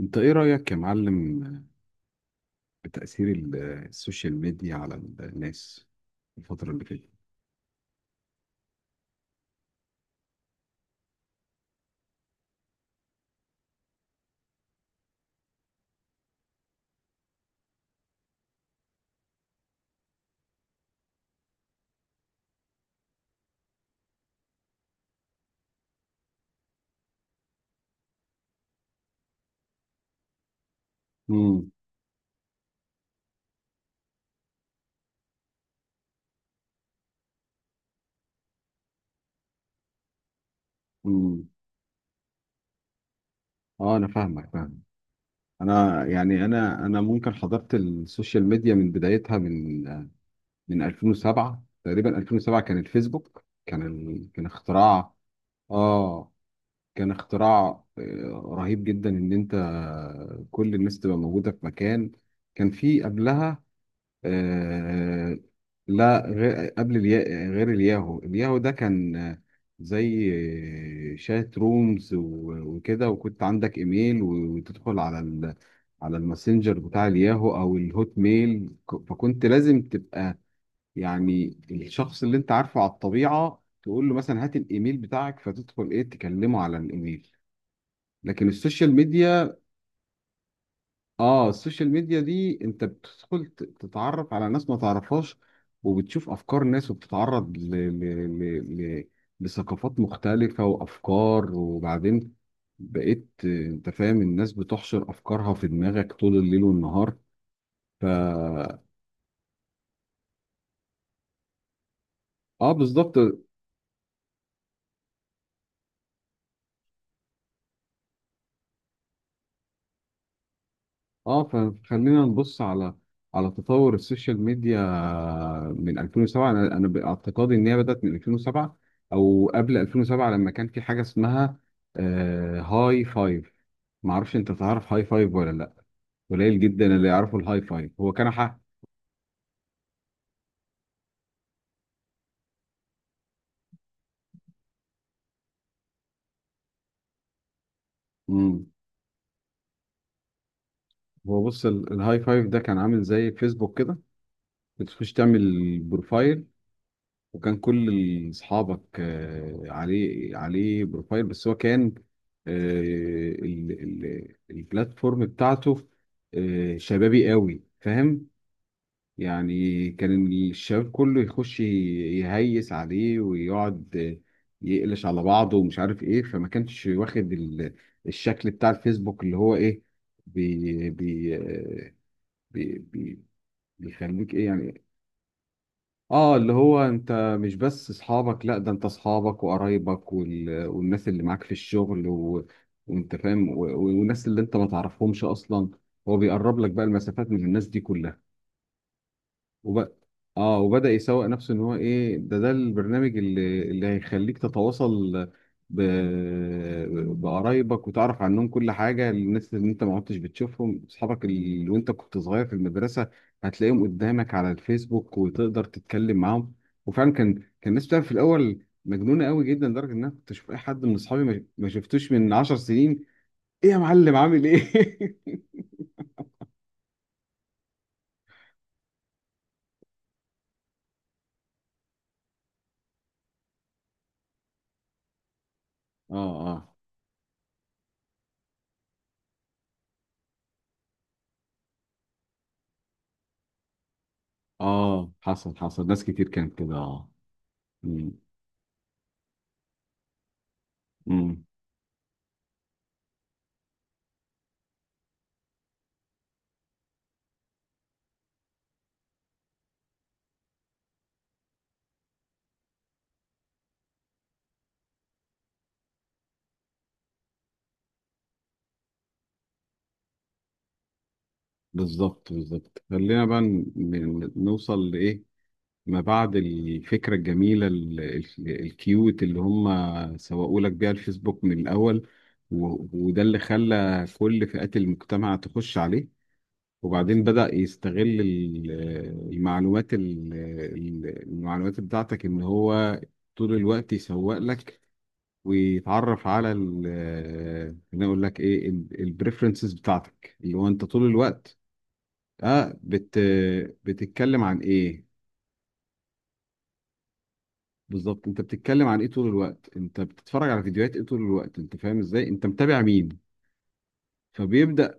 انت ايه رأيك يا معلم بتأثير السوشيال ميديا على الناس الفترة اللي فاتت؟ امم. امم. اه، انا فاهمك، فاهم. انا، يعني انا ممكن حضرت السوشيال ميديا من بدايتها، من 2007 تقريبا. 2007 كان الفيسبوك، كان كان اختراع. اه، كان اختراع، رهيب جدا، ان انت كل الناس تبقى موجودة في مكان. كان في قبلها، آه لا، غير الياهو. الياهو ده كان زي شات رومز، و- وكده. وكنت عندك ايميل و- وتدخل على على الماسنجر بتاع الياهو او الهوت ميل، فكنت لازم تبقى، يعني الشخص اللي انت عارفه على الطبيعة تقول له مثلا هات الايميل بتاعك، فتدخل ايه تكلمه على الايميل. لكن السوشيال ميديا، اه السوشيال ميديا دي انت بتدخل تتعرف على ناس ما تعرفهاش، وبتشوف افكار ناس، وبتتعرض ل... ل... لثقافات مختلفة وافكار. وبعدين بقيت، انت فاهم، الناس بتحشر افكارها في دماغك طول الليل والنهار. ف اه بالظبط. اه فخلينا نبص على تطور السوشيال ميديا من 2007. انا باعتقادي ان هي بدات من 2007 او قبل 2007، لما كان في حاجه اسمها، هاي فايف. ما اعرفش، انت تعرف هاي فايف ولا لا؟ قليل جدا اللي يعرفوا الهاي فايف. هو كان حق. مم. هو، بص، الهاي فايف ده كان عامل زي فيسبوك كده. بتخش تعمل بروفايل، وكان كل اصحابك، عليه، عليه بروفايل، بس هو كان آه، البلاتفورم بتاعته شبابي قوي، فاهم؟ يعني كان الشباب كله يخش يهيس عليه ويقعد يقلش على بعضه ومش عارف ايه. فما كانش واخد الشكل بتاع الفيسبوك، اللي هو ايه، بي بي آه، بي بي بيخليك ايه يعني. اه، اللي هو انت مش بس اصحابك، لا، ده انت اصحابك وقرايبك والناس اللي معاك في الشغل، و... وانت فاهم، و... والناس اللي انت ما تعرفهمش اصلا. هو بيقرب لك بقى المسافات من الناس دي كلها. وب... اه، وبدأ يسوق نفسه ان هو ايه، ده البرنامج اللي هيخليك تتواصل ب... بقرايبك وتعرف عنهم كل حاجة. الناس اللي انت ما كنتش بتشوفهم، اصحابك اللي وانت كنت صغير في المدرسة هتلاقيهم قدامك على الفيسبوك وتقدر تتكلم معاهم. وفعلا كان الناس بتعمل في الاول مجنونة قوي جدا، لدرجة ان انا كنت اشوف اي حد من اصحابي ما شفتوش من 10 سنين. ايه يا معلم، عامل ايه؟ اه، اه، اه. حصل، حصل، ناس كتير كانت كده، اه. امم. بالظبط، بالظبط. خلينا بقى، نوصل لإيه ما بعد الفكرة الجميلة، الكيوت، اللي هم سوقوا لك بيها الفيسبوك من الأول. و- وده اللي خلى كل فئات المجتمع تخش عليه. وبعدين بدأ يستغل المعلومات، المعلومات بتاعتك، إن هو طول الوقت يسوق لك، ويتعرف على خليني أقول لك إيه، البريفرنسز بتاعتك، اللي هو أنت طول الوقت، اه بت بتتكلم عن ايه. بالظبط، انت بتتكلم عن ايه طول الوقت، انت بتتفرج على فيديوهات ايه طول الوقت، انت فاهم ازاي، انت متابع مين. فبيبدأ،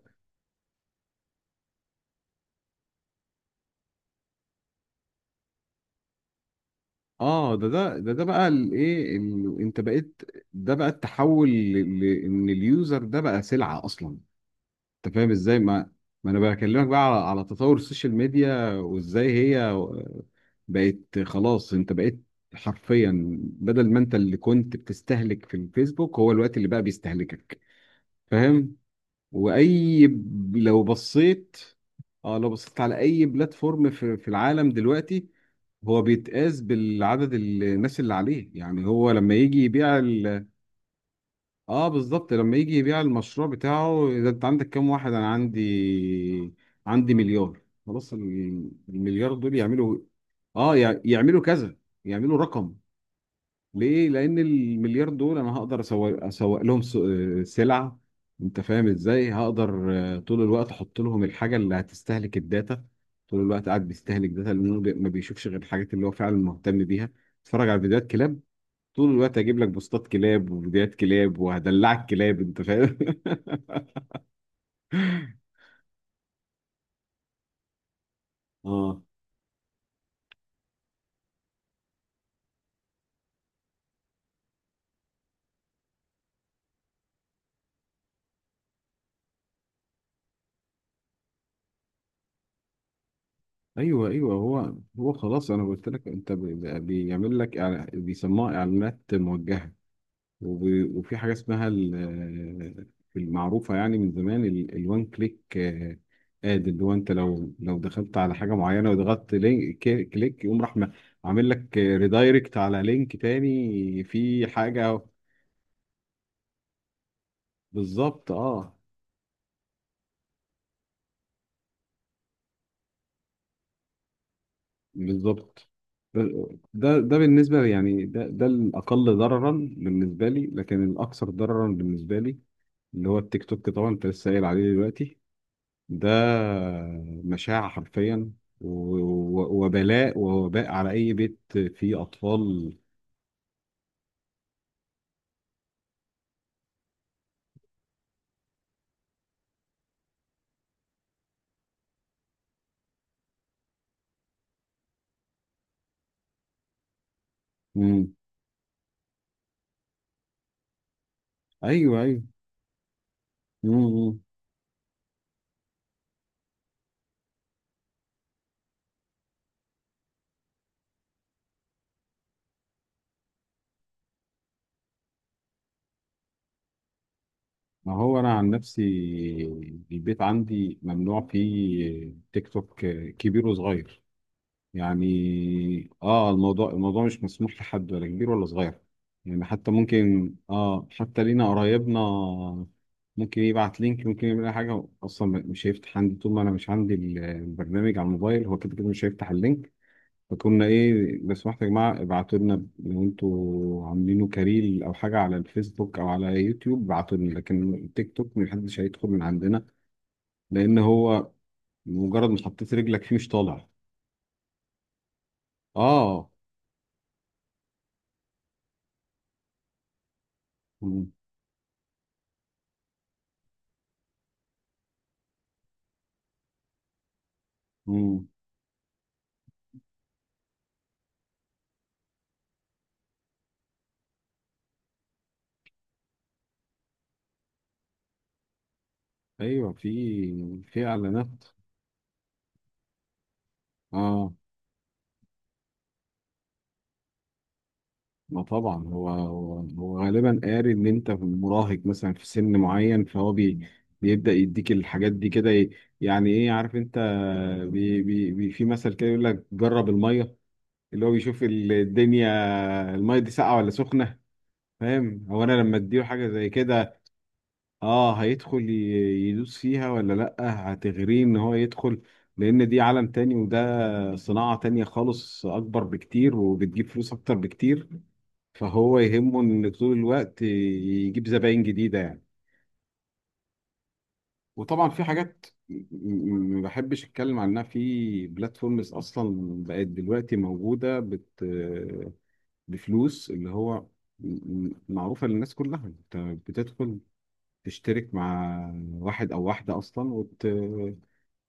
اه ده بقى الايه، انت بقيت، ده بقى التحول، ان اليوزر ده بقى سلعة اصلا. انت فاهم ازاي؟ ما انا بكلمك بقى على تطور السوشيال ميديا، وازاي هي بقت خلاص. انت بقيت حرفيا، بدل ما انت اللي كنت بتستهلك في الفيسبوك، هو الوقت اللي بقى بيستهلكك، فاهم. لو بصيت، اه لو بصيت على اي بلاتفورم، في العالم دلوقتي، هو بيتقاس بالعدد الناس اللي عليه. يعني هو لما يجي يبيع اه، بالظبط، لما يجي يبيع المشروع بتاعه، اذا انت عندك كام واحد. انا عندي مليار. خلاص، المليار دول يعملوا، يعملوا كذا، يعملوا رقم. ليه؟ لأن المليار دول أنا هقدر أسوق لهم، سلع. أنت فاهم إزاي؟ هقدر طول الوقت أحط لهم الحاجة اللي هتستهلك الداتا. طول الوقت قاعد بيستهلك داتا، لأنه ما بيشوفش غير الحاجات اللي هو فعلا مهتم بيها. اتفرج على فيديوهات كلاب، طول الوقت أجيب لك بوستات كلاب وفيديوهات كلاب، وهدلعك كلاب. أنت فاهم؟ اه. ايوه، ايوه. هو خلاص، انا قلت لك، انت بيعمل لك، بيسموها اعلانات موجهه. وفي حاجة اسمها المعروفة يعني من زمان، الوان كليك. اد اللي هو انت، لو دخلت على حاجة معينة وضغطت لينك، كليك، يقوم راح عامل لك ريدايركت على لينك تاني في حاجة. بالظبط. اه بالظبط. ده بالنسبة لي يعني ده الأقل ضررا بالنسبة لي. لكن الأكثر ضررا بالنسبة لي، اللي هو التيك توك، طبعا انت لسه قايل عليه دلوقتي. ده مشاعة حرفيا، وبلاء ووباء على أي بيت فيه أطفال. مم. أيوه، أيوه. مم. ما هو أنا عن نفسي، البيت عندي ممنوع فيه تيك توك، كبير وصغير. يعني، الموضوع مش مسموح لحد، ولا كبير ولا صغير. يعني حتى ممكن، حتى لينا قرايبنا ممكن يبعت لينك، ممكن يعمل اي حاجه، اصلا مش هيفتح عندي طول ما انا مش عندي البرنامج على الموبايل. هو كده كده مش هيفتح اللينك. فكنا ايه، لو سمحتوا يا جماعه، ابعتوا لنا لو انتوا عاملينه كاريل او حاجه على الفيسبوك او على يوتيوب، ابعتوا لنا. لكن التيك توك محدش هيدخل من عندنا، لان هو مجرد ما حطيت رجلك فيه، مش طالع. اه. مم. ايوه، في اعلانات. اه، ما طبعا هو غالبا قاري ان انت مراهق مثلا في سن معين، فهو بيبدا يديك الحاجات دي كده، يعني ايه، عارف انت، بي بي بي في مثل كده، يقول لك جرب الميه اللي هو بيشوف الدنيا، الميه دي ساقعه ولا سخنه. فاهم؟ هو انا لما اديله حاجه زي كده، اه، هيدخل يدوس فيها ولا لأ؟ هتغريه ان هو يدخل، لان دي عالم تاني، وده صناعة تانية خالص، اكبر بكتير، وبتجيب فلوس اكتر بكتير. فهو يهمه ان طول الوقت يجيب زباين جديدة يعني. وطبعا في حاجات، ما بحبش اتكلم عنها في بلاتفورمز اصلا، بقت دلوقتي موجودة، بفلوس، اللي هو، معروفة للناس كلها. انت بتدخل تشترك مع واحد او واحده اصلا،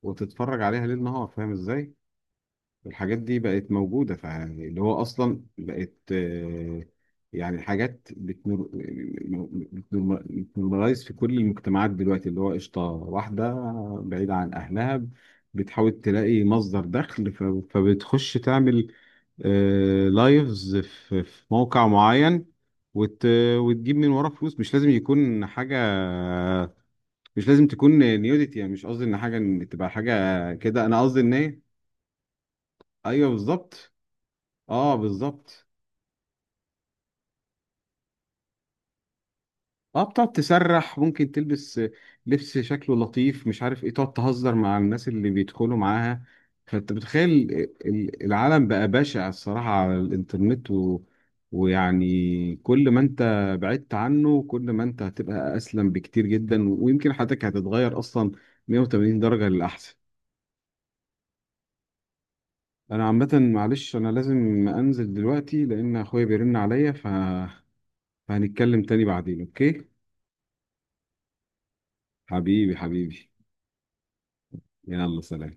وتتفرج عليها ليل نهار، فاهم ازاي. الحاجات دي بقت موجوده، فاللي هو اصلا بقت يعني حاجات بتنورمالايز في كل المجتمعات دلوقتي، اللي هو قشطه واحده بعيده عن اهلها، بتحاول تلاقي مصدر دخل، فبتخش تعمل لايفز، في موقع معين، وت... وتجيب من وراه فلوس. مش لازم يكون حاجة، مش لازم تكون نيوديتي يعني، مش قصدي ان حاجه، ان تبقى حاجه كده، انا قصدي ان ايه. ايوه، بالظبط. اه بالظبط. اه، بتقعد تسرح، ممكن تلبس لبس شكله لطيف، مش عارف ايه، تقعد تهزر مع الناس اللي بيدخلوا معاها. فانت بتخيل العالم بقى بشع الصراحه على الانترنت، ويعني كل ما انت بعدت عنه، كل ما انت هتبقى اسلم بكتير جدا، ويمكن حياتك هتتغير اصلا 180 درجه للاحسن. انا عامه، معلش، انا لازم انزل دلوقتي لان اخويا بيرن عليا، فهنتكلم تاني بعدين، اوكي. حبيبي، حبيبي. يلا، سلام.